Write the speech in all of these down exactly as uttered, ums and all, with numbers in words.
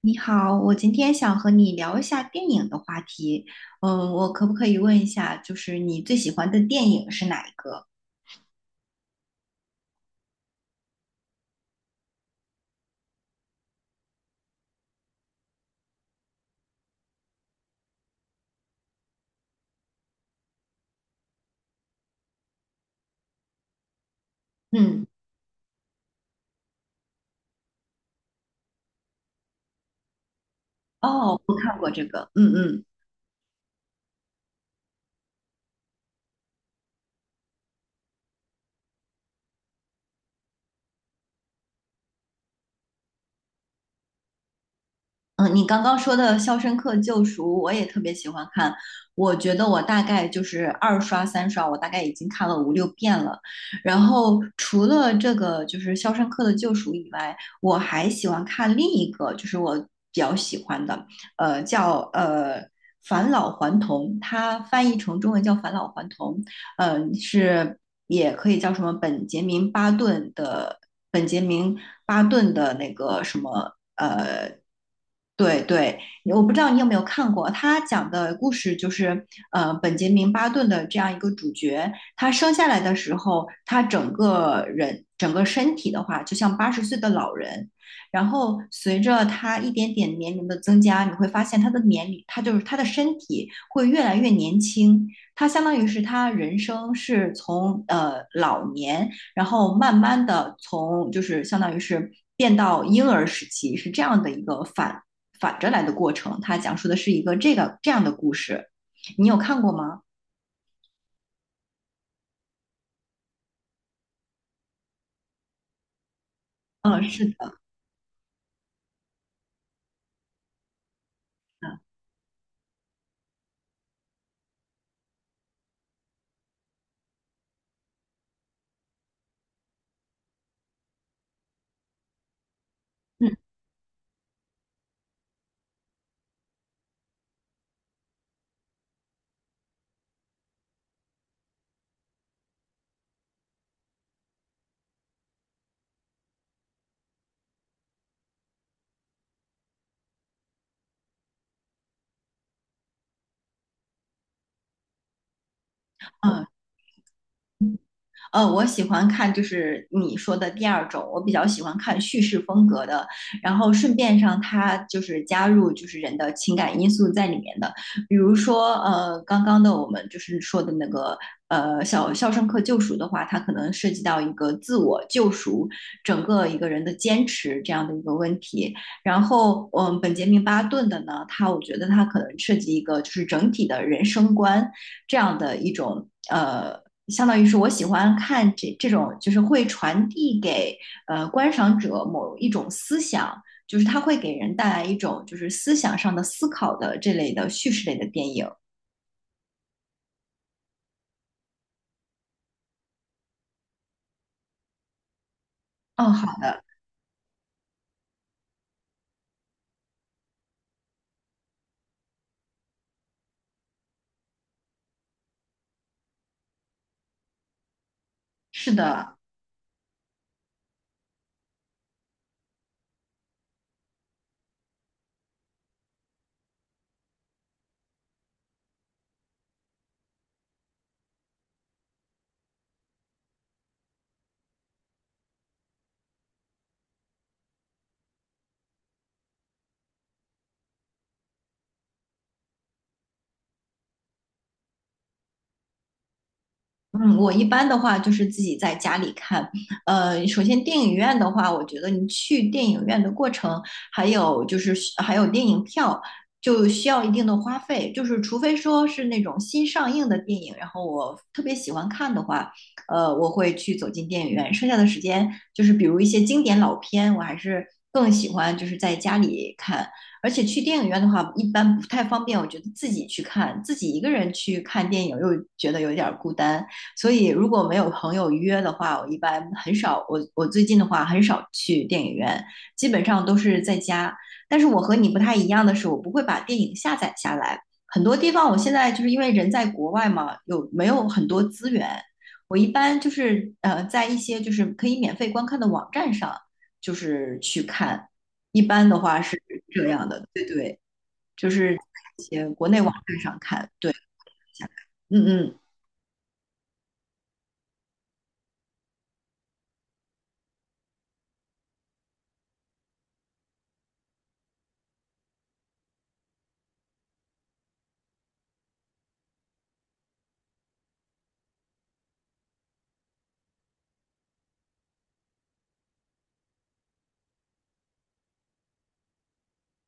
你好，我今天想和你聊一下电影的话题。嗯，我可不可以问一下，就是你最喜欢的电影是哪一个？嗯，哦，我看过这个。嗯嗯。嗯，你刚刚说的《肖申克救赎》，我也特别喜欢看。我觉得我大概就是二刷、三刷，我大概已经看了五六遍了。然后除了这个就是《肖申克的救赎》以外，我还喜欢看另一个，就是我比较喜欢的，呃，叫呃《返老还童》，它翻译成中文叫《返老还童》，嗯、是也可以叫什么本杰明·巴顿的本杰明·巴顿的那个什么。呃对对，我不知道你有没有看过，他讲的故事就是，呃，本杰明·巴顿的这样一个主角，他生下来的时候，他整个人整个身体的话，就像八十岁的老人，然后随着他一点点年龄的增加，你会发现他的年龄，他就是他的身体会越来越年轻，他相当于是他人生是从呃老年，然后慢慢的从就是相当于是，变到婴儿时期是这样的一个反反着来的过程，它讲述的是一个这个这样的故事。你有看过吗？嗯，是的，嗯嗯，呃，我喜欢看就是你说的第二种，我比较喜欢看叙事风格的，然后顺便上它就是加入就是人的情感因素在里面的，比如说呃刚刚的我们就是说的那个呃小肖申克救赎的话，它可能涉及到一个自我救赎，整个一个人的坚持这样的一个问题，然后嗯本杰明巴顿的呢，他我觉得他可能涉及一个就是整体的人生观这样的一种呃相当于是我喜欢看这这种，就是会传递给呃观赏者某一种思想，就是它会给人带来一种就是思想上的思考的这类的叙事类的电影。哦，好，是的，嗯，我一般的话就是自己在家里看。呃，首先电影院的话，我觉得你去电影院的过程，还有就是还有电影票，就需要一定的花费。就是除非说是那种新上映的电影，然后我特别喜欢看的话，呃，我会去走进电影院。剩下的时间就是比如一些经典老片，我还是更喜欢就是在家里看。而且去电影院的话，一般不太方便，我觉得自己去看，自己一个人去看电影又觉得有点儿孤单。所以如果没有朋友约的话，我一般很少，我我最近的话很少去电影院，基本上都是在家。但是我和你不太一样的是，我不会把电影下载下来。很多地方我现在就是因为人在国外嘛，有没有很多资源？我一般就是呃，在一些就是可以免费观看的网站上，就是去看。一般的话是这样的，对对，就是在一些国内网站上看，对，下来，嗯嗯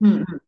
嗯。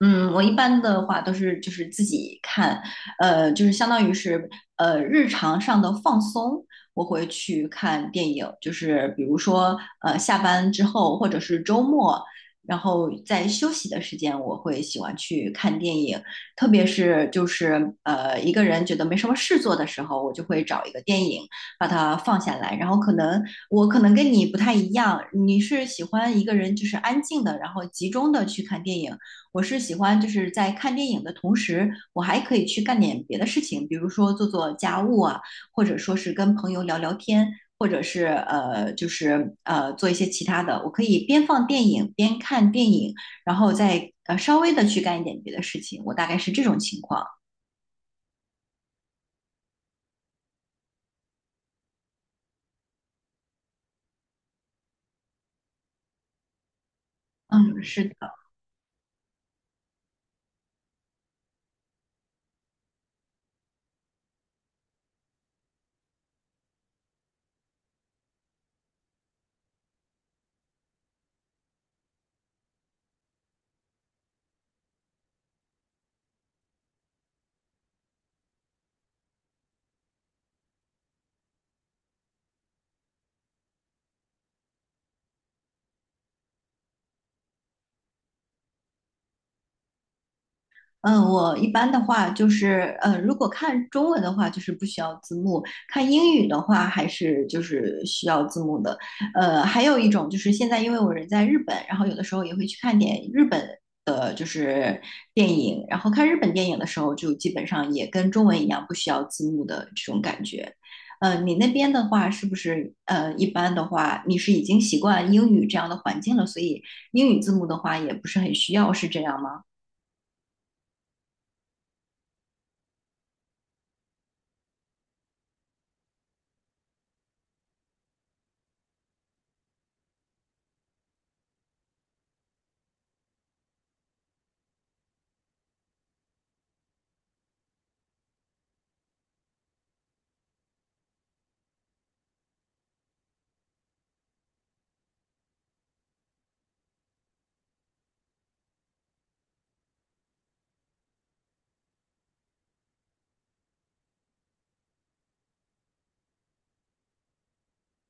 嗯，我一般的话都是就是自己看，呃，就是相当于是呃日常上的放松，我会去看电影，就是比如说呃下班之后或者是周末，然后在休息的时间，我会喜欢去看电影，特别是就是呃一个人觉得没什么事做的时候，我就会找一个电影把它放下来，然后可能我可能跟你不太一样，你是喜欢一个人就是安静的，然后集中的去看电影。我是喜欢就是在看电影的同时，我还可以去干点别的事情，比如说做做家务啊，或者说是跟朋友聊聊天，或者是呃就是呃做一些其他的。我可以边放电影边看电影，然后再呃稍微的去干一点别的事情。我大概是这种情况。嗯，是的。嗯，我一般的话就是，呃，如果看中文的话，就是不需要字幕；看英语的话，还是就是需要字幕的。呃，还有一种就是现在，因为我人在日本，然后有的时候也会去看点日本的，就是电影。然后看日本电影的时候，就基本上也跟中文一样，不需要字幕的这种感觉。呃，你那边的话，是不是呃，一般的话，你是已经习惯英语这样的环境了，所以英语字幕的话也不是很需要，是这样吗？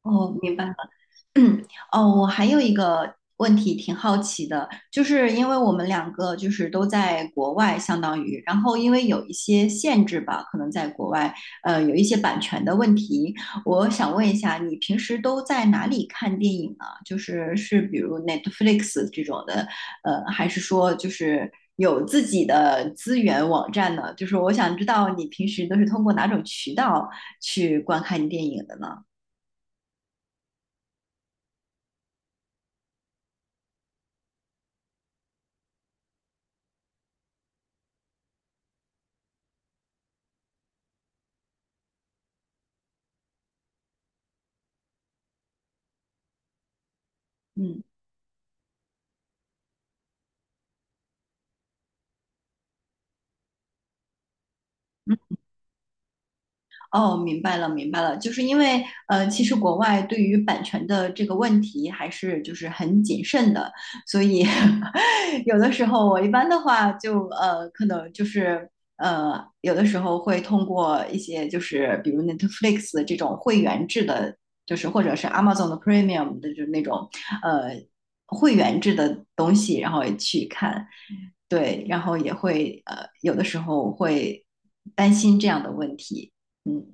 哦，明白。嗯，哦，我还有一个问题挺好奇的，就是因为我们两个就是都在国外，相当于，然后因为有一些限制吧，可能在国外，呃，有一些版权的问题，我想问一下，你平时都在哪里看电影啊？就是是比如 Netflix 这种的，呃，还是说就是有自己的资源网站呢？就是我想知道你平时都是通过哪种渠道去观看电影的呢？嗯。哦，明白了，明白了，就是因为呃，其实国外对于版权的这个问题还是就是很谨慎的，所以 有的时候我一般的话就呃，可能就是呃，有的时候会通过一些就是比如 Netflix 的这种会员制的，就是或者是 Amazon 的 Premium 的，就是那种呃会员制的东西，然后也去看，对，然后也会呃有的时候会担心这样的问题，嗯。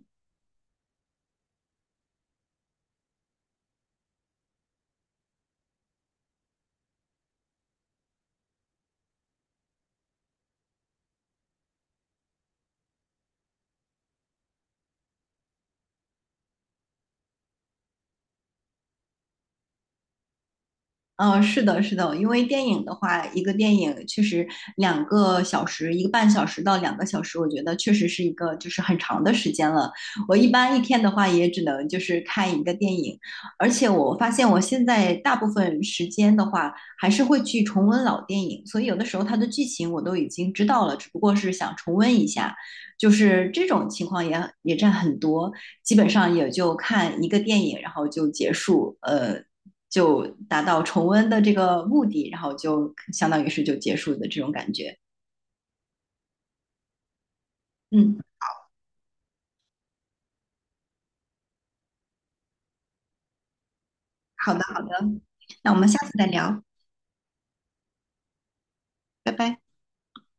嗯，是的，是的，因为电影的话，一个电影确实两个小时，一个半小时到两个小时，我觉得确实是一个就是很长的时间了。我一般一天的话，也只能就是看一个电影，而且我发现我现在大部分时间的话，还是会去重温老电影，所以有的时候它的剧情我都已经知道了，只不过是想重温一下，就是这种情况也也占很多，基本上也就看一个电影，然后就结束，呃，就达到重温的这个目的，然后就相当于是就结束的这种感觉。嗯，好的好的，那我们下次再聊，拜拜。